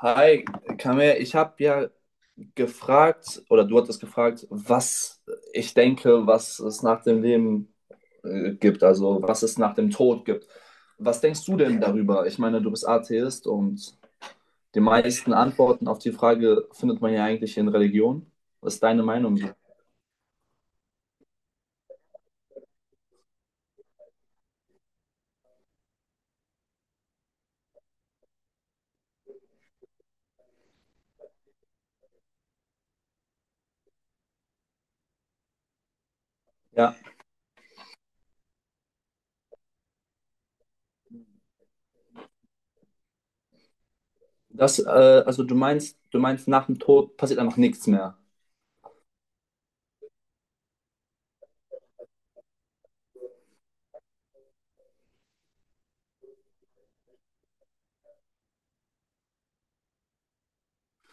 Hi, Kamel, ich habe ja gefragt, oder du hattest gefragt, was ich denke, was es nach dem Leben gibt, also was es nach dem Tod gibt. Was denkst du denn darüber? Ich meine, du bist Atheist und die meisten Antworten auf die Frage findet man ja eigentlich in Religion. Was ist deine Meinung, so? Ja, das, äh, also du meinst, nach dem Tod passiert einfach nichts mehr.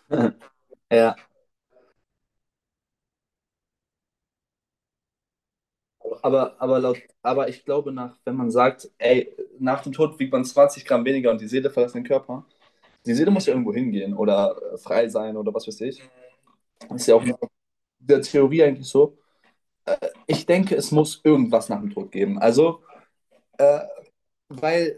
Ja. Aber ich glaube, wenn man sagt, ey, nach dem Tod wiegt man 20 Gramm weniger und die Seele verlässt den Körper, die Seele muss ja irgendwo hingehen oder frei sein oder was weiß ich. Das ist ja auch in der Theorie eigentlich so. Äh, Ich denke, es muss irgendwas nach dem Tod geben. Äh, Weil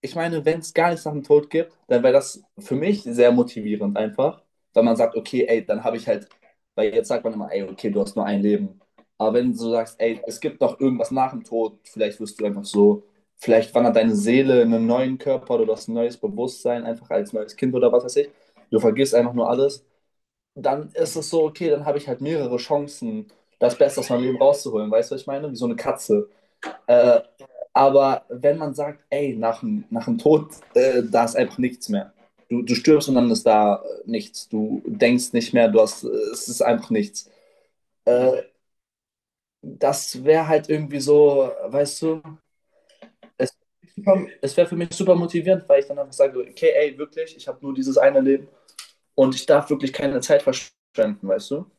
ich meine, wenn es gar nichts nach dem Tod gibt, dann wäre das für mich sehr motivierend einfach, weil man sagt, okay, ey, dann habe ich halt, weil jetzt sagt man immer, ey, okay, du hast nur ein Leben. Aber wenn du sagst, ey, es gibt noch irgendwas nach dem Tod, vielleicht wirst du einfach so, vielleicht wandert deine Seele in einen neuen Körper oder du hast ein neues Bewusstsein, einfach als neues Kind oder was weiß ich. Du vergisst einfach nur alles. Dann ist es so, okay, dann habe ich halt mehrere Chancen, das Beste aus meinem Leben rauszuholen. Weißt du, was ich meine? Wie so eine Katze. Äh, aber wenn man sagt, ey, nach dem Tod, da ist einfach nichts mehr. Du stirbst und dann ist da nichts. Du denkst nicht mehr, es ist einfach nichts. Äh, Das wäre halt irgendwie so, weißt du, es, es wäre für mich super motivierend, weil ich dann einfach sage, okay, ey, wirklich, ich habe nur dieses eine Leben und ich darf wirklich keine Zeit verschwenden, weißt du?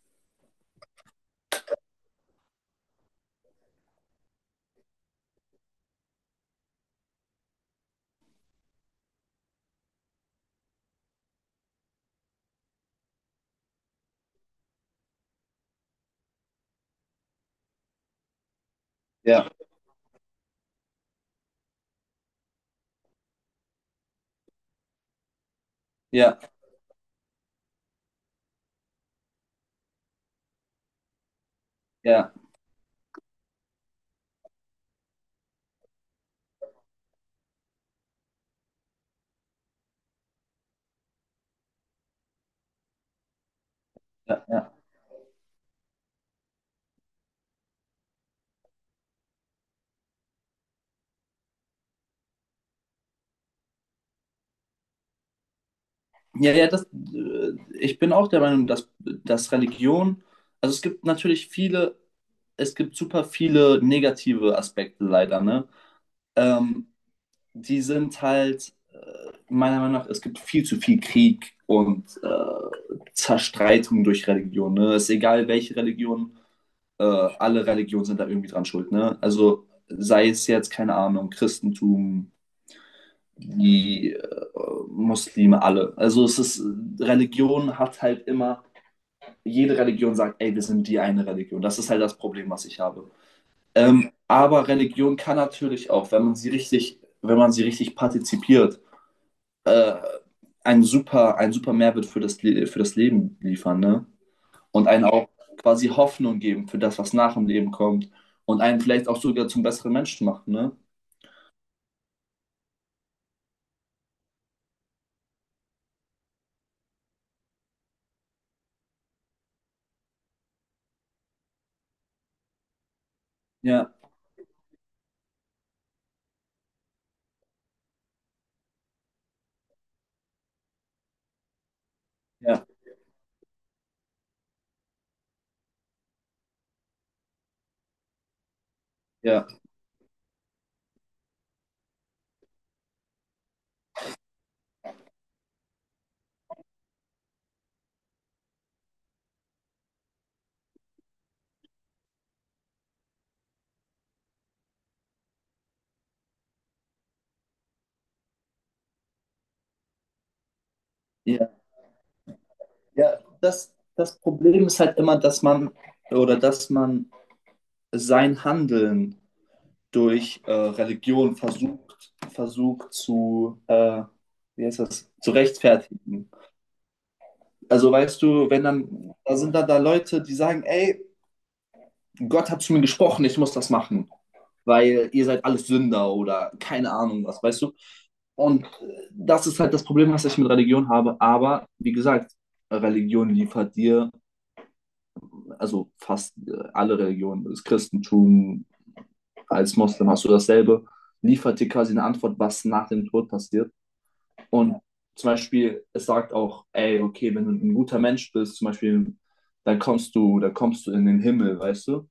Ja, ja, ja, ja, ja. Ja, ja, das, äh, Ich bin auch der Meinung, dass Religion, also es gibt natürlich viele, es gibt super viele negative Aspekte leider, ne? Ähm, Die sind halt, meiner Meinung nach, es gibt viel zu viel Krieg und Zerstreitung durch Religion, ne? Es ist egal, welche Religion, alle Religionen sind da irgendwie dran schuld, ne? Also sei es jetzt, keine Ahnung, Christentum, die Muslime alle. Religion hat halt immer, jede Religion sagt, ey, wir sind die eine Religion. Das ist halt das Problem, was ich habe. Aber Religion kann natürlich auch, wenn man sie richtig partizipiert, äh, einen super Mehrwert für das Leben liefern, ne? Und einen auch quasi Hoffnung geben für das, was nach dem Leben kommt. Und einen vielleicht auch sogar zum besseren Menschen machen, ne? Ja, ja, ja, ja. Ja, das Problem ist halt immer, dass man oder dass man sein Handeln durch Religion versucht, versucht zu, wie heißt das, zu rechtfertigen. Also weißt du, wenn dann, da sind dann da Leute, die sagen, ey, Gott hat zu mir gesprochen, ich muss das machen, weil ihr seid alles Sünder oder keine Ahnung was, weißt du? Und das ist halt das Problem, was ich mit Religion habe. Aber wie gesagt, Religion liefert dir also fast alle Religionen, das Christentum als Moslem hast du dasselbe, liefert dir quasi eine Antwort, was nach dem Tod passiert. Und zum Beispiel, es sagt auch, ey, okay, wenn du ein guter Mensch bist, zum Beispiel, dann kommst du in den Himmel, weißt du?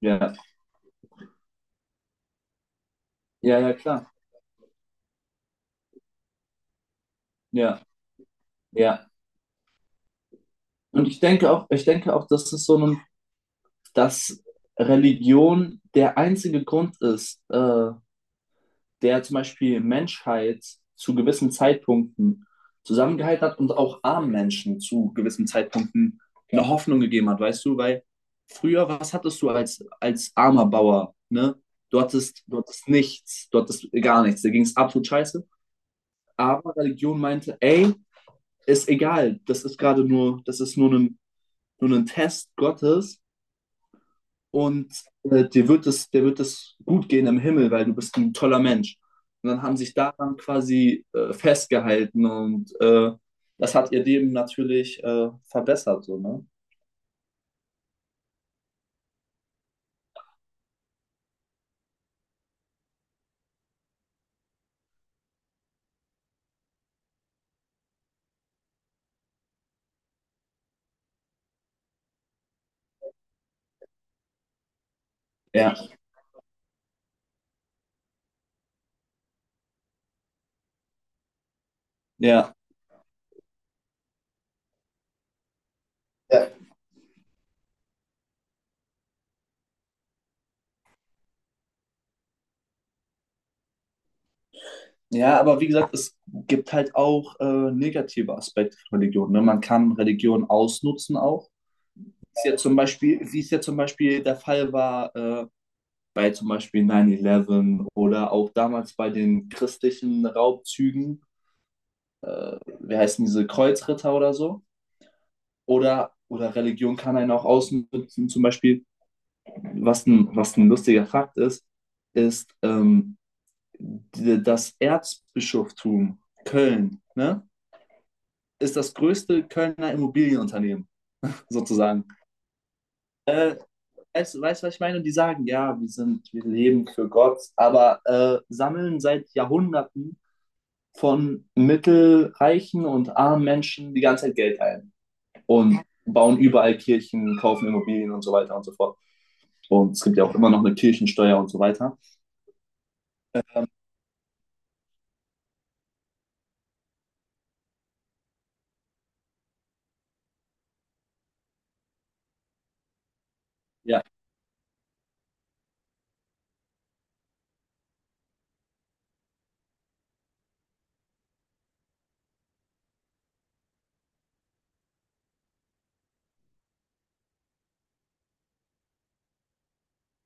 Ja, ja, ja, klar. Ja, ja. Und ich denke auch, dass Religion der einzige Grund ist, der zum Beispiel Menschheit zu gewissen Zeitpunkten zusammengehalten hat und auch armen Menschen zu gewissen Zeitpunkten eine Hoffnung gegeben hat, weißt du? Weil früher, was hattest du als, als armer Bauer, ne? Du hattest nichts, du hattest gar nichts, da ging es absolut scheiße. Aber Religion meinte, ey, ist egal, das ist gerade nur, das ist nur ein Test Gottes, und dir wird es gut gehen im Himmel, weil du bist ein toller Mensch. Und dann haben sich daran quasi festgehalten und das hat ihr Leben natürlich verbessert, so, ne? Ja, ja. Ja. Ja, aber wie gesagt, es gibt halt auch negative Aspekte von Religion. Ne? Man kann Religion ausnutzen auch. Ist ja zum Beispiel, wie es ja zum Beispiel der Fall war bei zum Beispiel 9-11 oder auch damals bei den christlichen Raubzügen, wie heißen diese Kreuzritter oder so. Oder Religion kann einen auch ausnutzen. Zum Beispiel, was ein lustiger Fakt ist, ist das Erzbischoftum Köln, ne? Ist das größte Kölner Immobilienunternehmen, sozusagen. Äh, Weißt du, was ich meine? Und die sagen, ja, wir leben für Gott, aber sammeln seit Jahrhunderten von mittelreichen und armen Menschen die ganze Zeit Geld ein. Und bauen überall Kirchen, kaufen Immobilien und so weiter und so fort. Und es gibt ja auch immer noch eine Kirchensteuer und so weiter. Ja,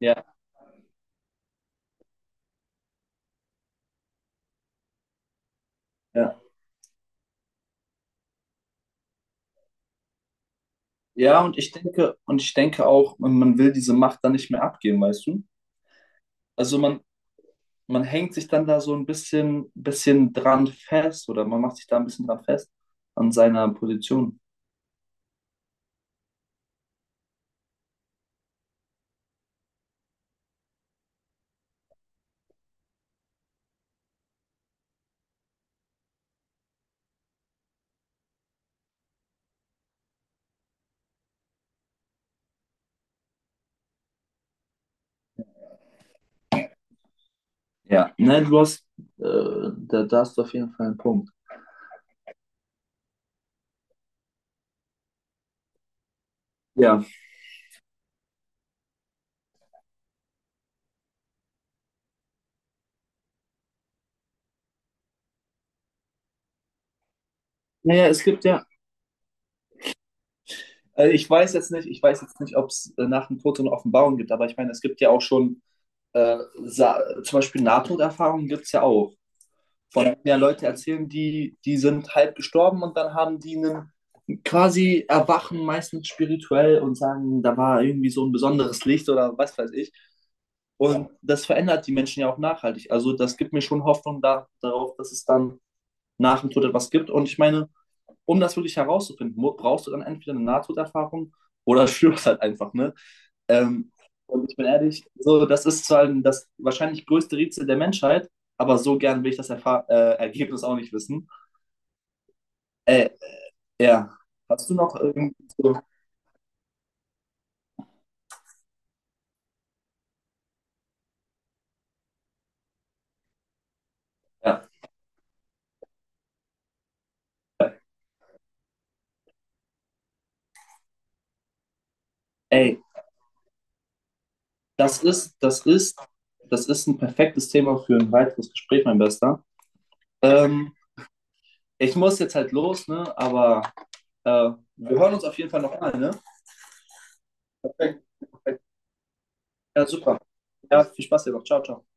ja, ja. Ja, und ich denke auch, man will diese Macht dann nicht mehr abgeben, weißt du? Also man hängt sich dann da so ein bisschen, bisschen dran fest oder man macht sich da ein bisschen dran fest an seiner Position. Ja, ne, da hast du auf jeden Fall einen Punkt. Ja. Naja, es gibt ja, ich weiß jetzt nicht, ich weiß jetzt nicht, ob es nach dem Tod so eine Offenbarung gibt, aber ich meine, es gibt ja auch schon äh, zum Beispiel Nahtoderfahrungen gibt es ja auch. Von mehr Leute erzählen, die sind halb gestorben und dann haben die einen quasi erwachen, meistens spirituell und sagen, da war irgendwie so ein besonderes Licht oder was weiß ich. Und das verändert die Menschen ja auch nachhaltig. Also das gibt mir schon Hoffnung da, darauf, dass es dann nach dem Tod etwas gibt. Und ich meine, um das wirklich herauszufinden, brauchst du dann entweder eine Nahtoderfahrung oder stirbst halt einfach, ne? Ähm, und ich bin ehrlich, so, das ist zwar das wahrscheinlich größte Rätsel der Menschheit, aber so gern will ich das Erfa Ergebnis auch nicht wissen. Äh, ja, hast du noch irgendwie so, ja. Ey, das ist, das ist, das ist ein perfektes Thema für ein weiteres Gespräch, mein Bester. Ähm, Ich muss jetzt halt los, ne? Aber äh, wir hören uns auf jeden Fall noch mal, ne? Perfekt, perfekt. Ja, super. Ja, viel Spaß dir noch. Ciao, ciao.